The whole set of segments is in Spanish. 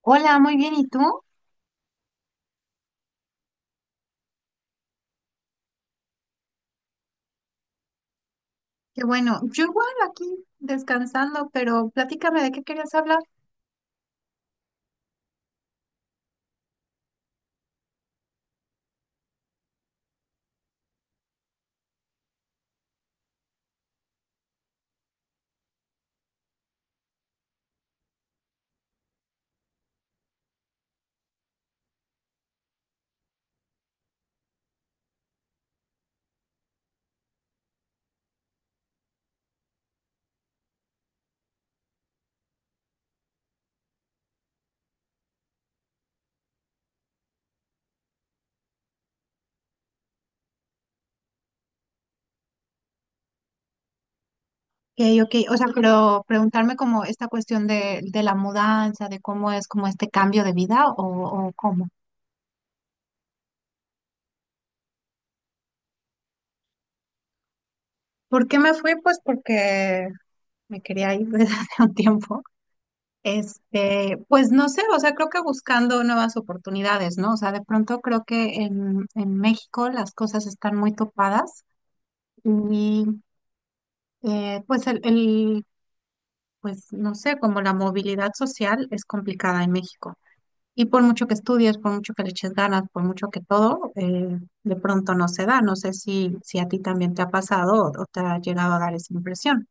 Hola, muy bien. ¿Y tú? Qué bueno. Yo igual aquí descansando, pero platícame de qué querías hablar. Ok, ok. O sea, pero preguntarme como esta cuestión de la mudanza, de cómo es como este cambio de vida o cómo. ¿Por qué me fui? Pues porque me quería ir desde hace un tiempo. Este, pues no sé, o sea, creo que buscando nuevas oportunidades, ¿no? O sea, de pronto creo que en México las cosas están muy topadas y pues el pues no sé, como la movilidad social es complicada en México. Y por mucho que estudies, por mucho que le eches ganas, por mucho que todo, de pronto no se da. No sé si a ti también te ha pasado o te ha llegado a dar esa impresión.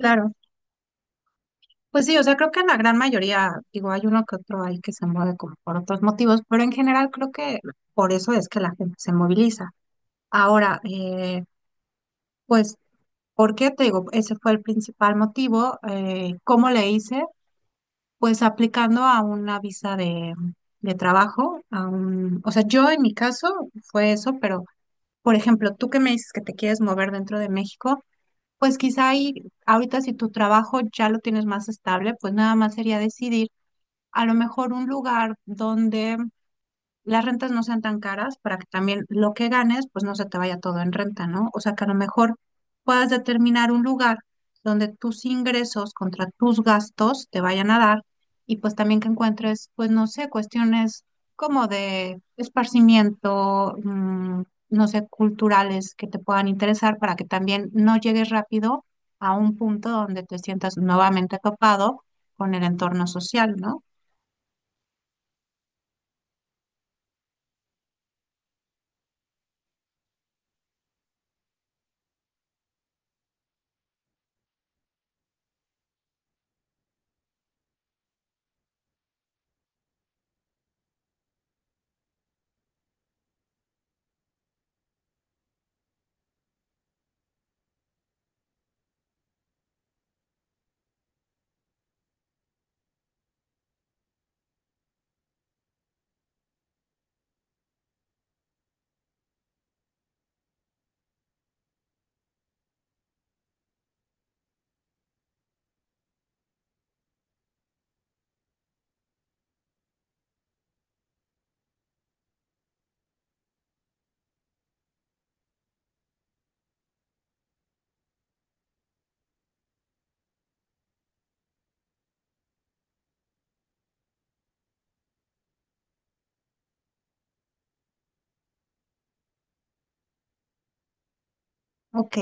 Claro, pues sí, o sea, creo que la gran mayoría, digo, hay uno que otro ahí que se mueve como por otros motivos, pero en general creo que por eso es que la gente se moviliza. Ahora, pues, ¿por qué? Te digo, ese fue el principal motivo. ¿Cómo le hice? Pues aplicando a una visa de trabajo. O sea, yo en mi caso fue eso, pero por ejemplo, tú que me dices que te quieres mover dentro de México, pues quizá ahí, ahorita si tu trabajo ya lo tienes más estable, pues nada más sería decidir a lo mejor un lugar donde las rentas no sean tan caras para que también lo que ganes, pues no se te vaya todo en renta, ¿no? O sea, que a lo mejor puedas determinar un lugar donde tus ingresos contra tus gastos te vayan a dar y pues también que encuentres, pues no sé, cuestiones como de esparcimiento, no sé, culturales que te puedan interesar para que también no llegues rápido a un punto donde te sientas nuevamente topado con el entorno social, ¿no? Ok.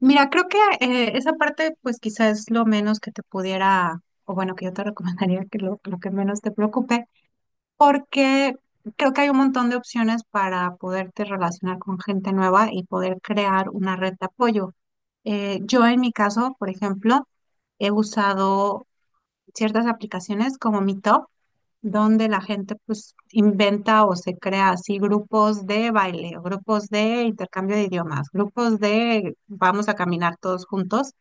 Mira, creo que esa parte, pues quizás es lo menos que te pudiera, o bueno, que yo te recomendaría que lo que menos te preocupe, porque creo que hay un montón de opciones para poderte relacionar con gente nueva y poder crear una red de apoyo. Yo en mi caso, por ejemplo, he usado ciertas aplicaciones como Meetup, donde la gente pues inventa o se crea así grupos de baile, o grupos de intercambio de idiomas, grupos de vamos a caminar todos juntos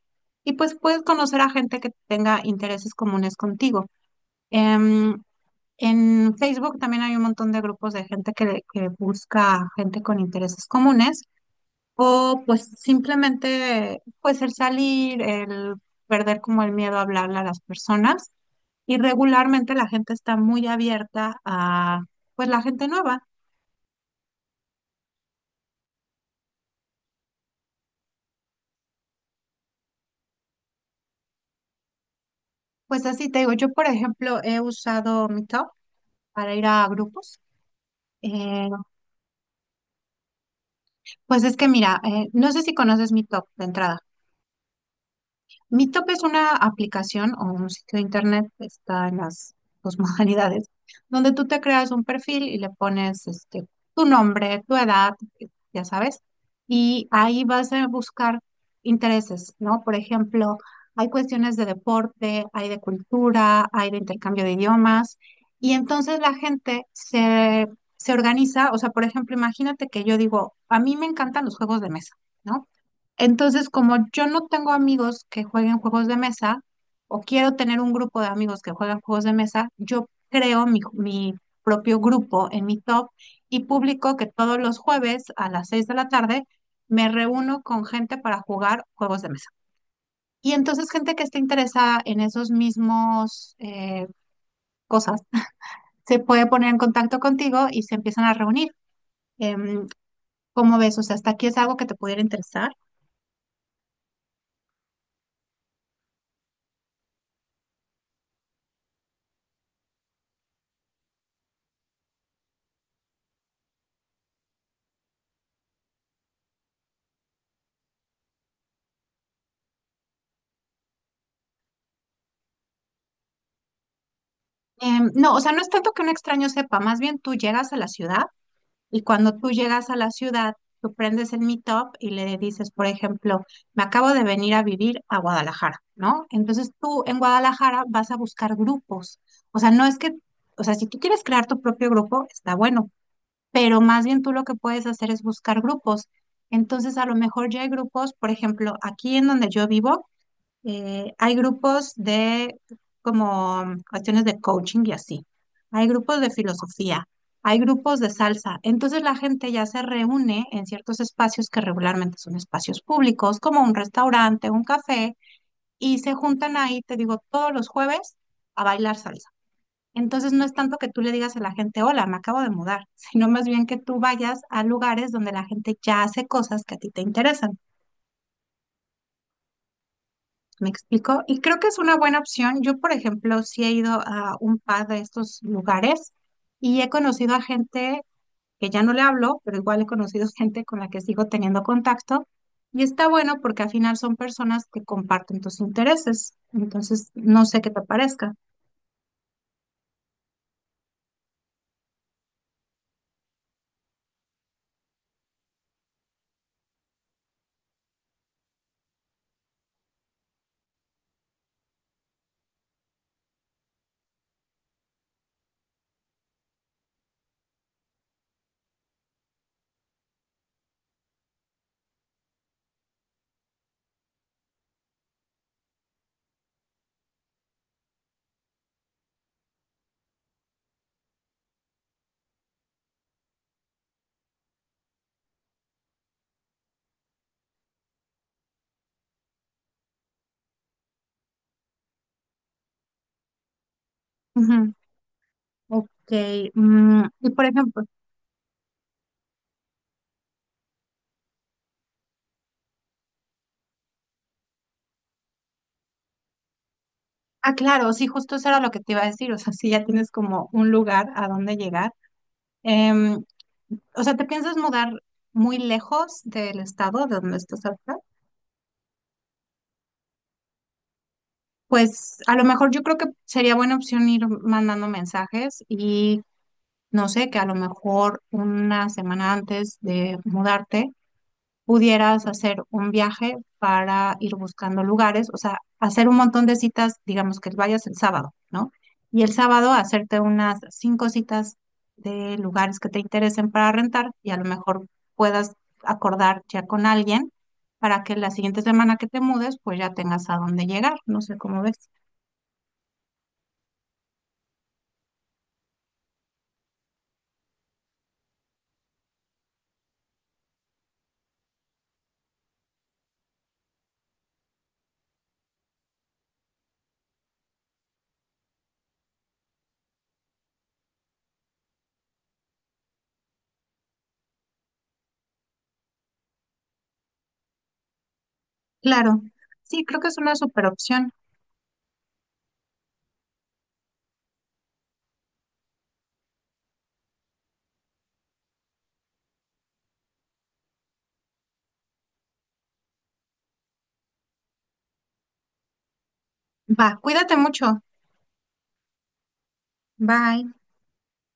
y pues puedes conocer a gente que tenga intereses comunes contigo. Em, en Facebook también hay un montón de grupos de gente que busca gente con intereses comunes. O pues simplemente, pues el salir, el perder como el miedo a hablarle a las personas. Y regularmente la gente está muy abierta a, pues la gente nueva. Pues así te digo, yo por ejemplo he usado Meetup para ir a grupos. Eh, pues es que mira, no sé si conoces Meetup de entrada. Meetup es una aplicación o un sitio de internet, está en las dos modalidades, donde tú te creas un perfil y le pones tu nombre, tu edad, ya sabes, y ahí vas a buscar intereses, ¿no? Por ejemplo, hay cuestiones de deporte, hay de cultura, hay de intercambio de idiomas, y entonces la gente se organiza, o sea, por ejemplo, imagínate que yo digo, a mí me encantan los juegos de mesa, ¿no? Entonces, como yo no tengo amigos que jueguen juegos de mesa, o quiero tener un grupo de amigos que juegan juegos de mesa, yo creo mi propio grupo en mi top y publico que todos los jueves a las 6 de la tarde me reúno con gente para jugar juegos de mesa. Y entonces gente que esté interesada en esos mismos cosas se puede poner en contacto contigo y se empiezan a reunir. Em, ¿Cómo ves? O sea, ¿hasta aquí es algo que te pudiera interesar? No, o sea, no es tanto que un extraño sepa, más bien tú llegas a la ciudad y cuando tú llegas a la ciudad, tú prendes el Meetup y le dices, por ejemplo, me acabo de venir a vivir a Guadalajara, ¿no? Entonces tú en Guadalajara vas a buscar grupos. O sea, no es que, o sea, si tú quieres crear tu propio grupo, está bueno, pero más bien tú lo que puedes hacer es buscar grupos. Entonces, a lo mejor ya hay grupos, por ejemplo, aquí en donde yo vivo, hay grupos de como cuestiones de coaching y así. Hay grupos de filosofía, hay grupos de salsa. Entonces la gente ya se reúne en ciertos espacios que regularmente son espacios públicos, como un restaurante, un café, y se juntan ahí, te digo, todos los jueves a bailar salsa. Entonces no es tanto que tú le digas a la gente, hola, me acabo de mudar, sino más bien que tú vayas a lugares donde la gente ya hace cosas que a ti te interesan. ¿Me explico? Y creo que es una buena opción. Yo, por ejemplo, sí he ido a un par de estos lugares y he conocido a gente que ya no le hablo, pero igual he conocido gente con la que sigo teniendo contacto. Y está bueno porque al final son personas que comparten tus intereses. Entonces, no sé qué te parezca. Ujú. Ok. Y por ejemplo, ah, claro, sí, justo eso era lo que te iba a decir, o sea, si ya tienes como un lugar a donde llegar. Em, o sea, ¿te piensas mudar muy lejos del estado de donde estás ahorita? Pues a lo mejor yo creo que sería buena opción ir mandando mensajes y no sé, que a lo mejor una semana antes de mudarte pudieras hacer un viaje para ir buscando lugares, o sea, hacer un montón de citas, digamos que vayas el sábado, ¿no? Y el sábado hacerte unas cinco citas de lugares que te interesen para rentar y a lo mejor puedas acordar ya con alguien para que la siguiente semana que te mudes, pues ya tengas a dónde llegar, no sé cómo ves. Claro, sí, creo que es una super opción. Va, cuídate mucho. Bye.